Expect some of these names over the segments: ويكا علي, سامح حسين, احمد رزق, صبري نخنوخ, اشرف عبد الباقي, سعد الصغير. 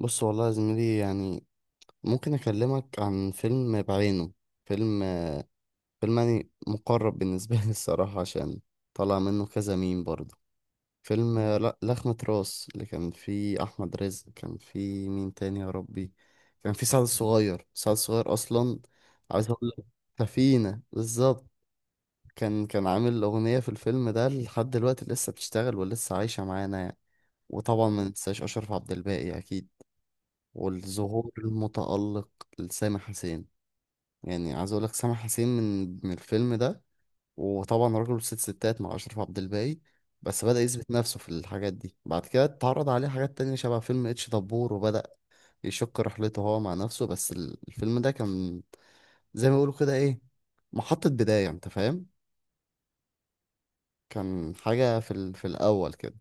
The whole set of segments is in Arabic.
بص، والله يا زميلي، يعني ممكن اكلمك عن فيلم بعينه. فيلم فيلم يعني مقرب بالنسبه لي الصراحه، عشان طلع منه كذا ميم برضه. فيلم لا لخمة راس، اللي كان فيه احمد رزق. كان فيه مين تاني يا ربي؟ كان فيه سعد الصغير. اصلا عايز اقول لك سفينه بالظبط. كان عامل اغنيه في الفيلم ده، لحد دلوقتي لسه بتشتغل ولسه عايشه معانا يعني. وطبعا ما ننساش اشرف عبد الباقي اكيد. والظهور المتألق لسامح حسين، يعني عايز اقول لك سامح حسين من الفيلم ده. وطبعا راجل ست ستات مع اشرف عبد الباقي، بس بدأ يثبت نفسه في الحاجات دي. بعد كده اتعرض عليه حاجات تانية شبه فيلم اتش دبور، وبدأ يشق رحلته هو مع نفسه. بس الفيلم ده كان زي ما بيقولوا كده ايه، محطة بداية، انت فاهم. كان حاجة في الأول كده.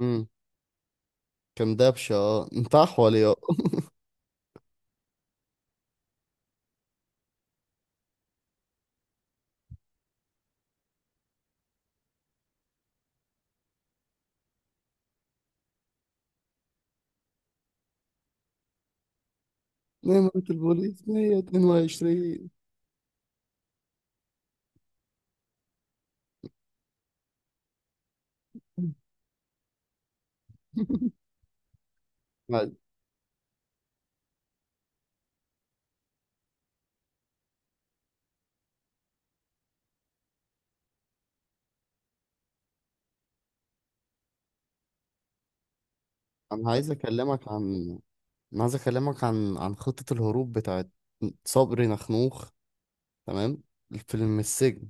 امم، كان دبشة. اه انت أحول يا... نمرة البوليس 122. انا عايز اكلمك عن انا عايز اكلمك عن عن خطة الهروب بتاعت صبري نخنوخ. تمام. الفيلم السجن،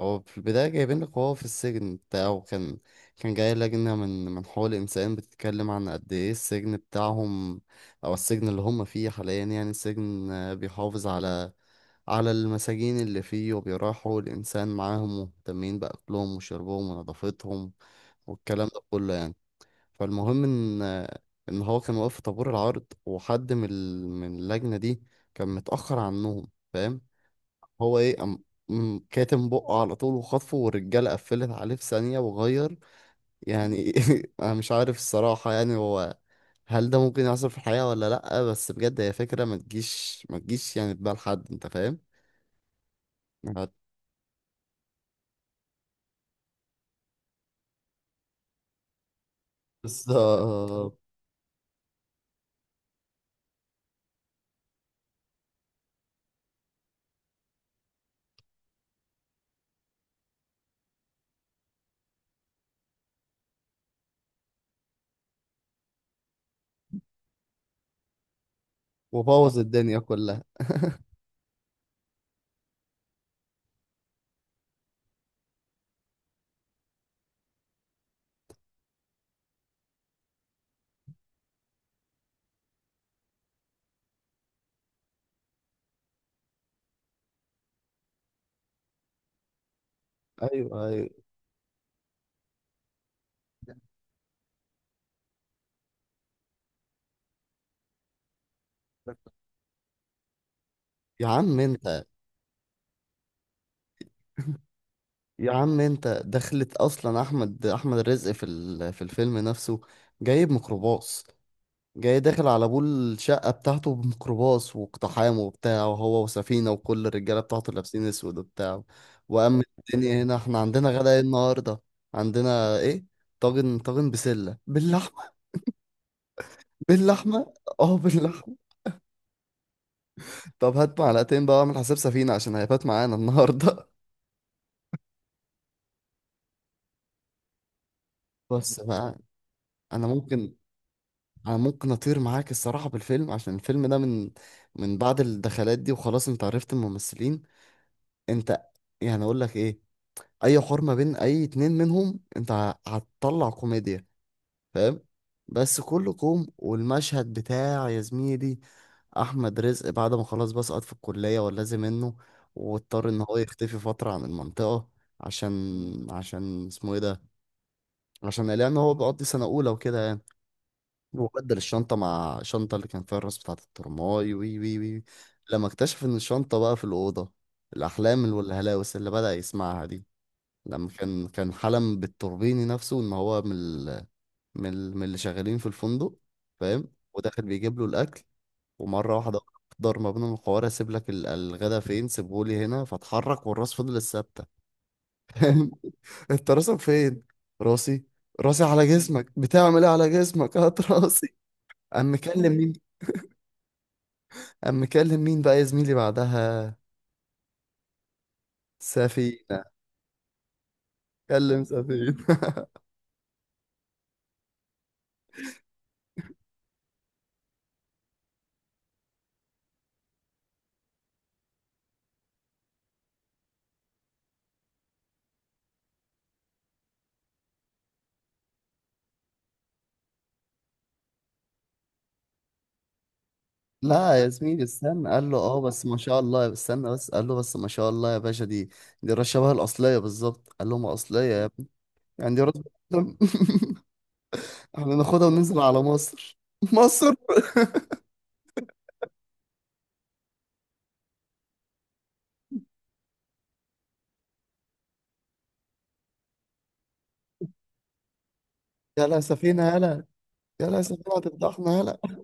هو في البداية جايبين لك وهو في السجن بتاعه. كان جاي لجنة من حقوق الإنسان بتتكلم عن قد إيه السجن بتاعهم، أو السجن اللي هم فيه حاليا، يعني السجن آه، بيحافظ على المساجين اللي فيه، وبيراعي حقوق الإنسان معاهم، ومهتمين بأكلهم وشربهم ونظافتهم، والكلام ده كله يعني. فالمهم ان هو كان واقف في طابور العرض، وحد من اللجنه دي كان متاخر عنهم، فاهم. هو ايه أم أم كاتم بقه على طول وخطفه، والرجاله قفلت عليه في ثانيه وغير، يعني. انا مش عارف الصراحه، يعني هو، هل ده ممكن يحصل في الحقيقه ولا لا؟ بس بجد هي فكره ما تجيش يعني في بال حد، انت فاهم. هت- بالظبط، وبوظ الدنيا كلها. ايوه ايوه. يا عم انت يا عم انت دخلت اصلا احمد الرزق في الفيلم نفسه. جايب ميكروباص، جاي داخل على ابو الشقه بتاعته بميكروباص، واقتحام وبتاع، وهو وسفينه وكل الرجاله بتاعته لابسين اسود وبتاع. وامن الدنيا! هنا احنا عندنا غدا ايه النهارده؟ عندنا ايه؟ طاجن بسله باللحمه. باللحمه، اه باللحمه. طب هات معلقتين بقى، اعمل حساب سفينه عشان هيفات معانا النهارده. بس بقى. انا ممكن انا ممكن اطير معاك الصراحه بالفيلم، عشان الفيلم ده من بعد الدخلات دي، وخلاص انت عرفت الممثلين. انت، يعني اقول لك ايه، اي حوار ما بين اي اتنين منهم انت هتطلع كوميديا، فاهم. بس كله كوم، والمشهد بتاع يا زميلي احمد رزق بعد ما خلاص بقى سقط في الكليه ولازم منه، واضطر ان هو يختفي فتره عن المنطقه، عشان اسمه ايه ده، عشان قال يعني ان هو بيقضي سنه اولى وكده يعني. وبدل الشنطة مع الشنطة اللي كان فيها الراس بتاعة الترماي، وي وي وي. لما اكتشف إن الشنطة بقى في الأوضة، الأحلام والهلاوس اللي بدأ يسمعها دي. لما كان حلم بالتوربيني نفسه إن هو من اللي شغالين في الفندق، فاهم، وداخل بيجيب له الأكل. ومرة واحدة ضرب ما بينهم الحوار: أسيب لك الغدا فين؟ سيبهولي هنا. فاتحرك والراس فضلت ثابتة، فاهم. أنت راسك فين؟ راسي. راسي على جسمك، بتعمل إيه على جسمك؟ هات راسي. قام مكلم مين قام مكلم مين بقى يا زميلي بعدها؟ سفينة. كلم سفينة. لا يا زميلي استنى، قال له اه بس ما شاء الله استنى بس، قال له بس ما شاء الله يا باشا، دي راس شبه الأصلية بالظبط. قال له ما أصلية يا ابني، يعني دي راس بني آدم. احنا ناخدها وننزل على مصر. مصر. يلا يا سفينة يلا، يلا يا سفينة هتفضحنا يلا.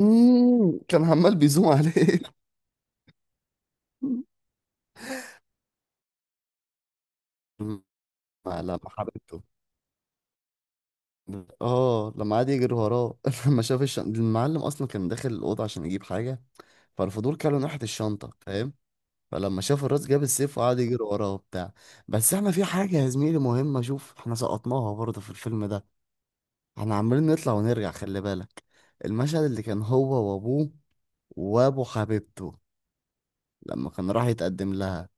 مم. كان عمال بيزوم عليه. لما حبيبته، اه لما قعد يجري وراه. لما شاف المعلم اصلا كان داخل الاوضه عشان يجيب حاجه، فالفضول كان من ناحية الشنطة، فاهم. فلما شاف الراس جاب السيف وقعد يجري وراه وبتاع. بس احنا في حاجة يا زميلي مهمة، شوف، احنا سقطناها برضه في الفيلم ده. احنا عمالين نطلع ونرجع، خلي بالك. المشهد اللي كان هو وابوه وابو حبيبته، لما كان راح يتقدم لها.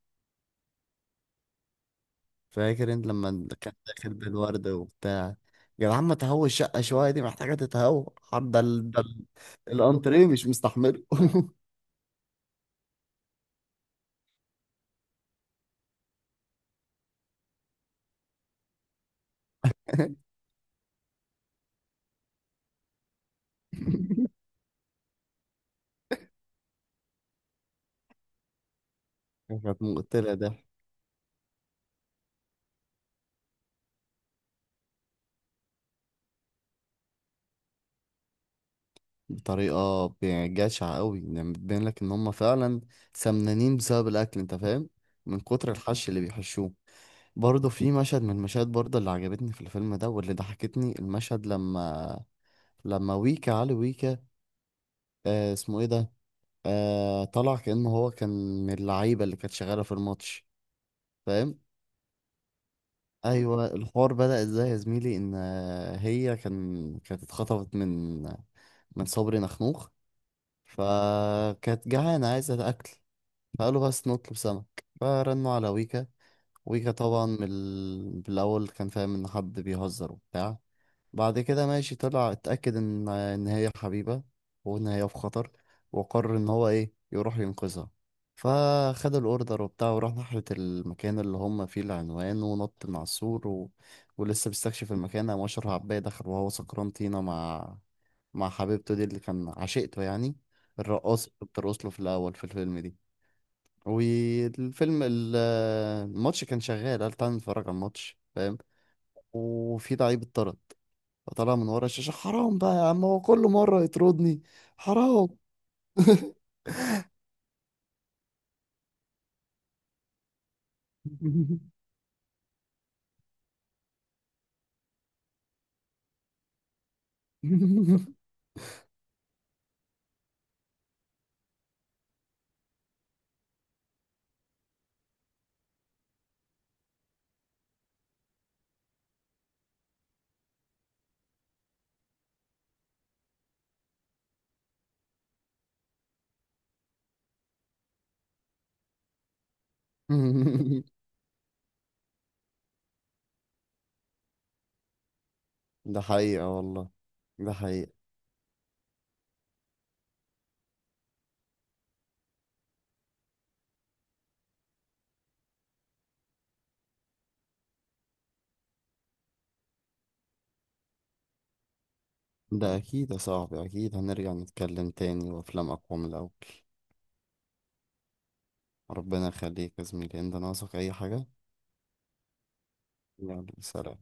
فاكر انت لما كان داخل بالورد وبتاع؟ يا جدعان ما تهوي الشقة شوية، دي محتاجة تتهوى. حد ده الأنتريه مش مستحمله. كانت مقتلة ده، بطريقة يعني جشعة قوي. يعني بتبين لك ان هم فعلا سمنانين بسبب الاكل، انت فاهم، من كتر الحش اللي بيحشوه. برضه في مشهد من المشاهد برضه اللي عجبتني في الفيلم ده واللي ضحكتني، المشهد لما ويكا، علي ويكا، آه اسمه ايه ده، آه، طلع كأنه هو كان من اللعيبة اللي كانت شغالة في الماتش، فاهم. ايوه، الحوار بدأ ازاي يا زميلي؟ ان آه، هي كانت اتخطفت من صبري نخنوخ، فكانت جعانة عايزة أكل، فقالوا بس نطلب سمك، فرنوا على ويكا. ويكا طبعا بالأول كان فاهم إن حد بيهزر وبتاع. بعد كده ماشي، طلع اتأكد إن هي حبيبة، وإن هي في خطر، وقرر إن هو إيه يروح ينقذها. فخد الأوردر وبتاع، وراح ناحية المكان اللي هم فيه العنوان، ونط من على السور ولسه بيستكشف المكان. قام أشرف عباية دخل وهو سكران طينة مع حبيبته دي اللي كان عشيقته يعني، الرقاصة اللي بترقص له في الأول في الفيلم دي. والفيلم ال- الماتش كان شغال. قال تعالى نتفرج على الماتش، فاهم. وفي لعيب اتطرد، فطلع من ورا الشاشة: حرام بقى يا عم، هو كل مرة يطردني، حرام. ده حقيقة والله، ده حقيقة. ده أكيد يا صاحبي، أكيد هنرجع نتكلم تاني، وأفلام أقوى من الأول. ربنا يخليك يا زميلي، أنت ناقصك أي حاجة؟ يلا سلام.